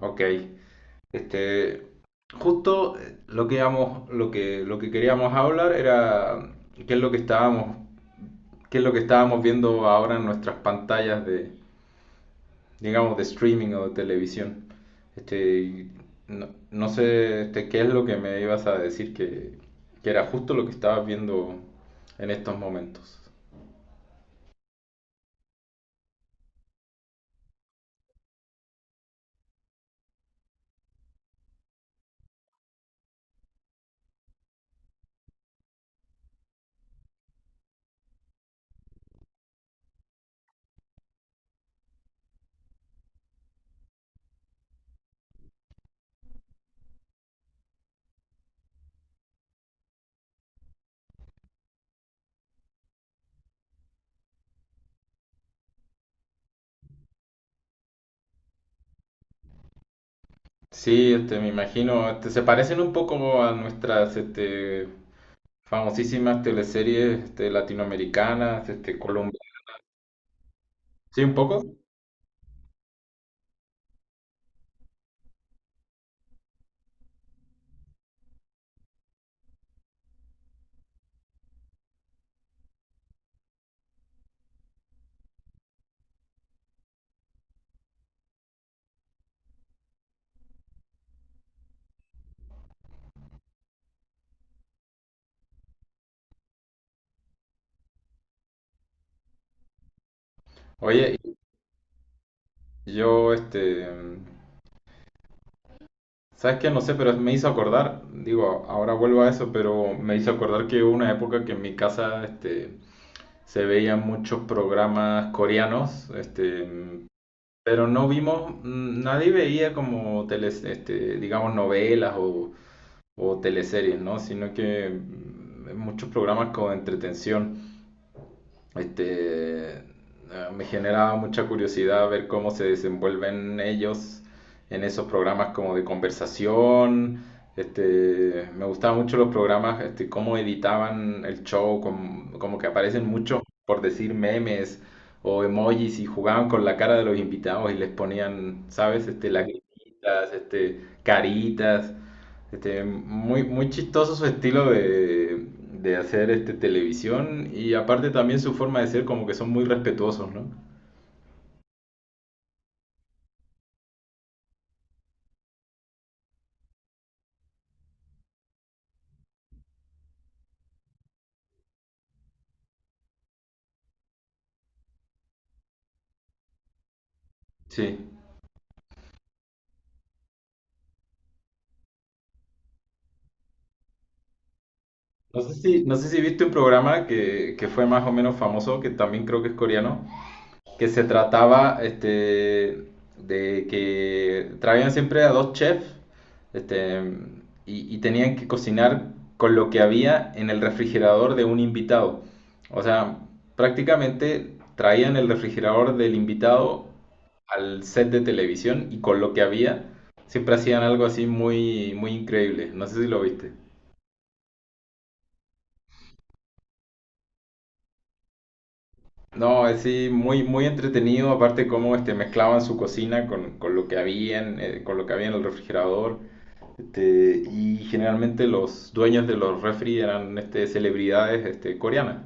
Ok, este, justo lo que queríamos hablar era qué es lo que estábamos, qué es lo que estábamos viendo ahora en nuestras pantallas de, digamos, de streaming o de televisión. Y no, no sé, qué es lo que me ibas a decir que era justo lo que estabas viendo en estos momentos. Sí, me imagino, se parecen un poco a nuestras, famosísimas teleseries latinoamericanas, colombianas. Sí, un poco. Oye, yo, ¿sabes qué? No sé, pero me hizo acordar, digo, ahora vuelvo a eso, pero me hizo acordar que hubo una época que en mi casa, se veían muchos programas coreanos, pero no vimos, nadie veía como teles, digamos, novelas o teleseries, ¿no? Sino que muchos programas con entretención. Este, eh, me generaba mucha curiosidad ver cómo se desenvuelven ellos en esos programas como de conversación. Me gustaban mucho los programas, cómo editaban el show, como que aparecen muchos, por decir, memes o emojis y jugaban con la cara de los invitados y les ponían, ¿sabes? Lagrimitas, caritas. Muy, muy chistoso su estilo de hacer televisión y aparte también su forma de ser como que son muy respetuosos, ¿no? Sí. No sé si viste un programa que fue más o menos famoso, que también creo que es coreano, que se trataba de que traían siempre a dos chefs este, y tenían que cocinar con lo que había en el refrigerador de un invitado. O sea, prácticamente traían el refrigerador del invitado al set de televisión y con lo que había siempre hacían algo así muy, muy increíble. No sé si lo viste. No, es sí, muy, muy entretenido, aparte cómo mezclaban su cocina con lo que había con lo que había en el refrigerador. Y generalmente los dueños de los refri eran celebridades coreanas.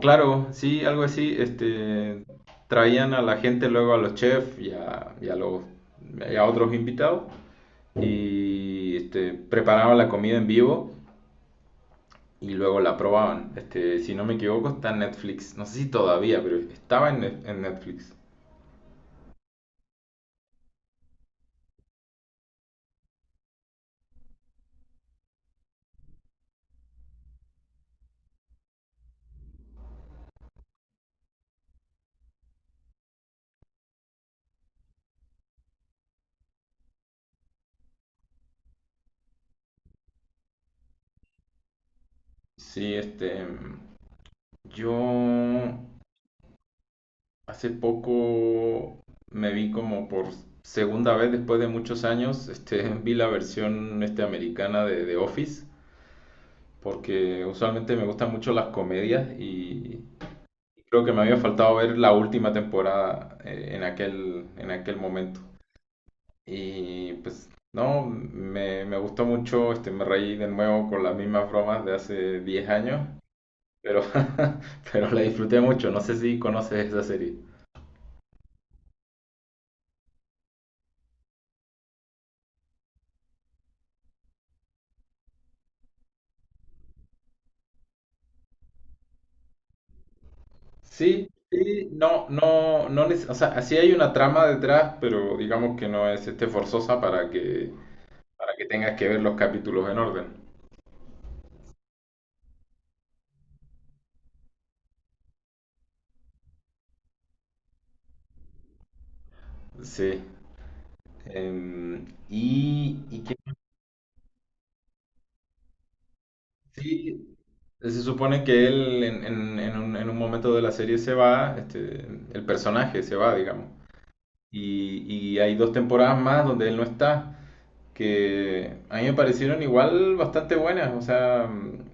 Claro, sí, algo así. Traían a la gente luego a los chefs y a otros invitados y preparaban la comida en vivo y luego la probaban. Si no me equivoco, está en Netflix. No sé si todavía, pero estaba en Netflix. Sí. Yo hace poco me vi como por segunda vez después de muchos años. Vi la versión americana de The Office. Porque usualmente me gustan mucho las comedias y creo que me había faltado ver la última temporada en aquel momento. Y pues, no, me gustó mucho, me reí de nuevo con las mismas bromas de hace 10 años, pero, pero la disfruté mucho, no sé si conoces esa serie. Sí, sí, no, no, no, o sea, sí hay una trama detrás, pero digamos que no es, forzosa para que tengas que ver los capítulos en orden. Sí. ¿Y qué? Sí, se supone que él en un momento de la serie se va, el personaje se va, digamos. Y, y hay dos temporadas más donde él no está, que a mí me parecieron igual bastante buenas. O sea,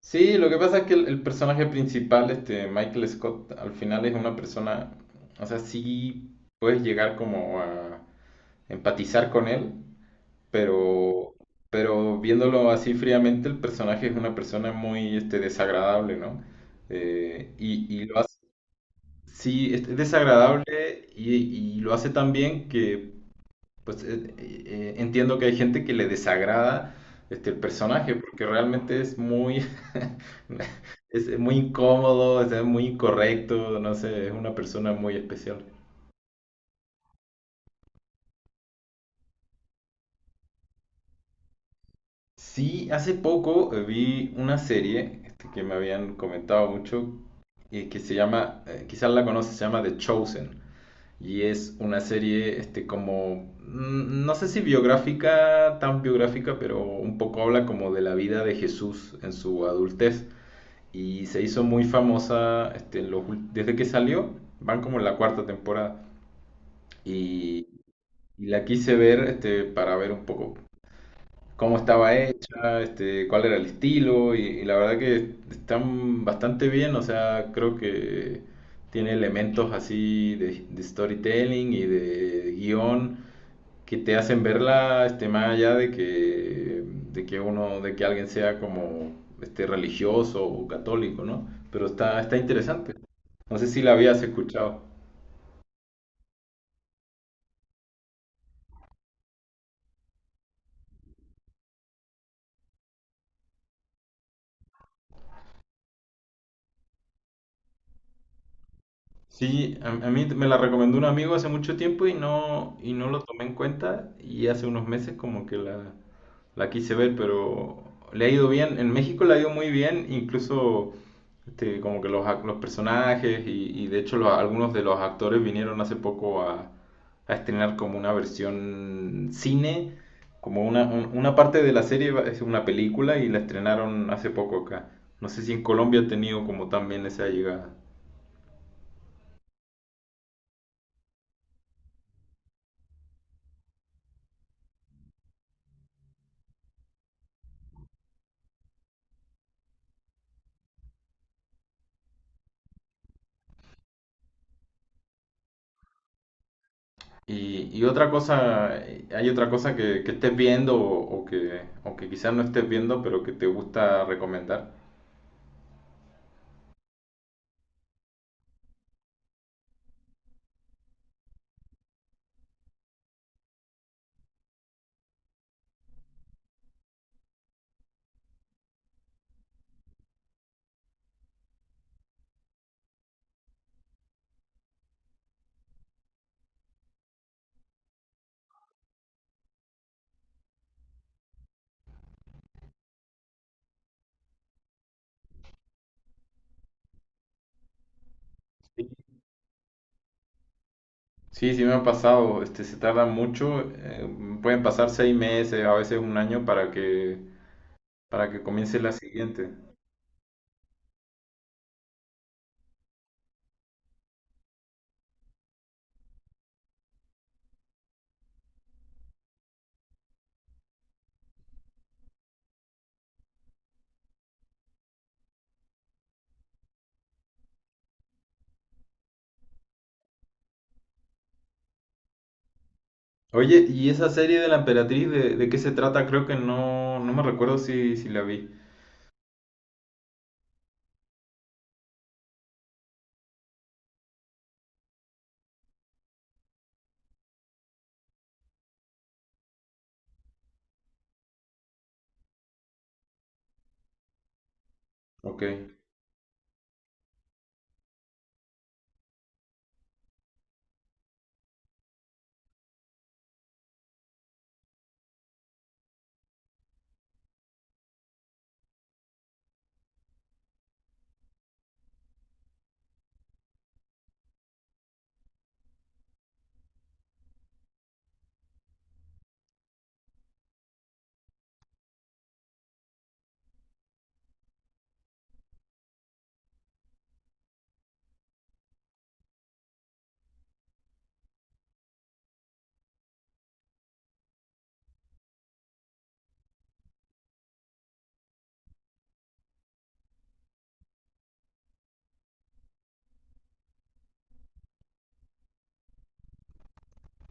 sí, lo que pasa es que el personaje principal, este Michael Scott, al final es una persona, o sea, sí puedes llegar como a empatizar con él. Pero, pero viéndolo así fríamente, el personaje es una persona muy desagradable, ¿no? Y lo hace, sí, es desagradable y lo hace tan bien que, pues, entiendo que hay gente que le desagrada el personaje, porque realmente es muy, es muy incómodo, es muy incorrecto, no sé, es una persona muy especial. Sí, hace poco vi una serie que me habían comentado mucho que se llama, quizás la conoces, se llama The Chosen y es una serie como, no sé si biográfica, tan biográfica, pero un poco habla como de la vida de Jesús en su adultez y se hizo muy famosa desde que salió, van como en la cuarta temporada y, y la quise ver para ver un poco cómo estaba hecha, cuál era el estilo, y la verdad que están bastante bien, o sea, creo que tiene elementos así de storytelling y de guión que te hacen verla, más allá de que alguien sea como religioso o católico, ¿no? Pero está interesante. No sé si la habías escuchado. Sí, a mí me la recomendó un amigo hace mucho tiempo y no lo tomé en cuenta y hace unos meses como que la quise ver, pero le ha ido bien. En México le ha ido muy bien, incluso como que los personajes y de hecho algunos de los actores vinieron hace poco a estrenar como una versión cine, como una parte de la serie es una película y la estrenaron hace poco acá. No sé si en Colombia ha tenido como también esa llegada. Y otra cosa, ¿hay otra cosa que estés viendo o que quizás no estés viendo, pero que te gusta recomendar? Sí. Sí, sí me ha pasado, se tarda mucho, pueden pasar 6 meses, a veces un año para que comience la siguiente. Oye, ¿y esa serie de la Emperatriz de qué se trata? Creo que no, no me recuerdo si la vi. Ok,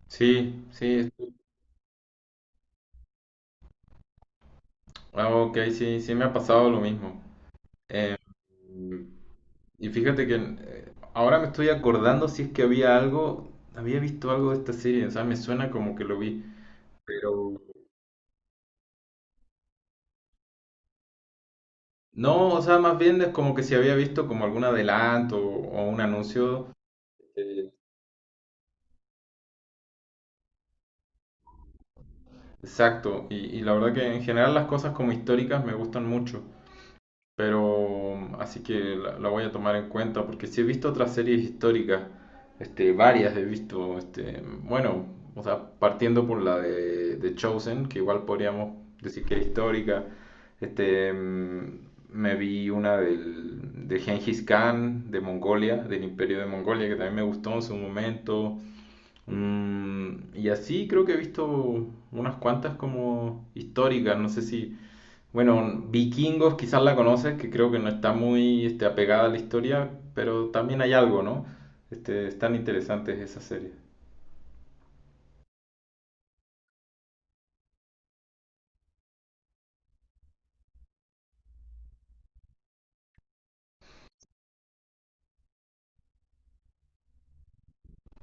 sí, sí, ah, ok, sí, sí me ha pasado lo mismo. Eh, Y fíjate que ahora me estoy acordando si es que había algo, había visto algo de esta serie, o sea, me suena como que lo vi, pero no, o sea, más bien es como que si había visto como algún adelanto o un anuncio. eh, Exacto, y la verdad que en general las cosas como históricas me gustan mucho. Pero así que la voy a tomar en cuenta porque sí he visto otras series históricas, varias he visto, bueno, o sea, partiendo por la de Chosen, que igual podríamos decir que es histórica, me vi una del, de Genghis Khan, de Mongolia, del Imperio de Mongolia, que también me gustó en su momento. Y así creo que he visto unas cuantas como históricas, no sé si... Bueno, Vikingos quizás la conoces, que creo que no está muy apegada a la historia, pero también hay algo, ¿no? Están interesantes esas series.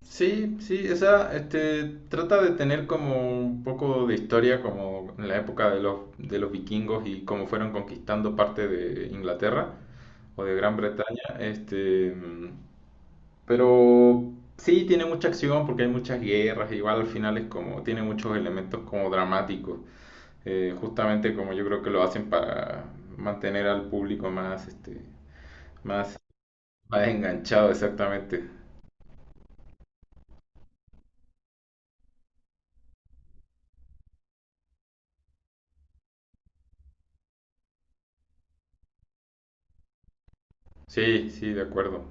Sí, sí, esa trata de tener como un poco de historia, como en la época de los vikingos y cómo fueron conquistando parte de Inglaterra o de Gran Bretaña. Pero sí, tiene mucha acción porque hay muchas guerras, igual al final es como, tiene muchos elementos como dramáticos. Justamente como yo creo que lo hacen para mantener al público más, más enganchado, exactamente. Sí, sí, de acuerdo.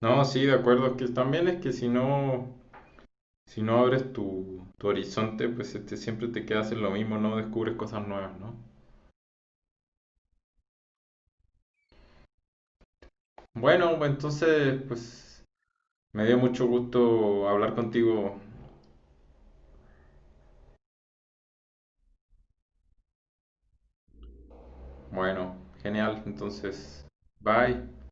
No, sí, de acuerdo. Es que también es que si no abres tu horizonte, pues siempre te quedas en lo mismo, no descubres cosas nuevas, ¿no? Bueno, pues, entonces, pues me dio mucho gusto hablar contigo. Bueno, genial. Entonces, bye.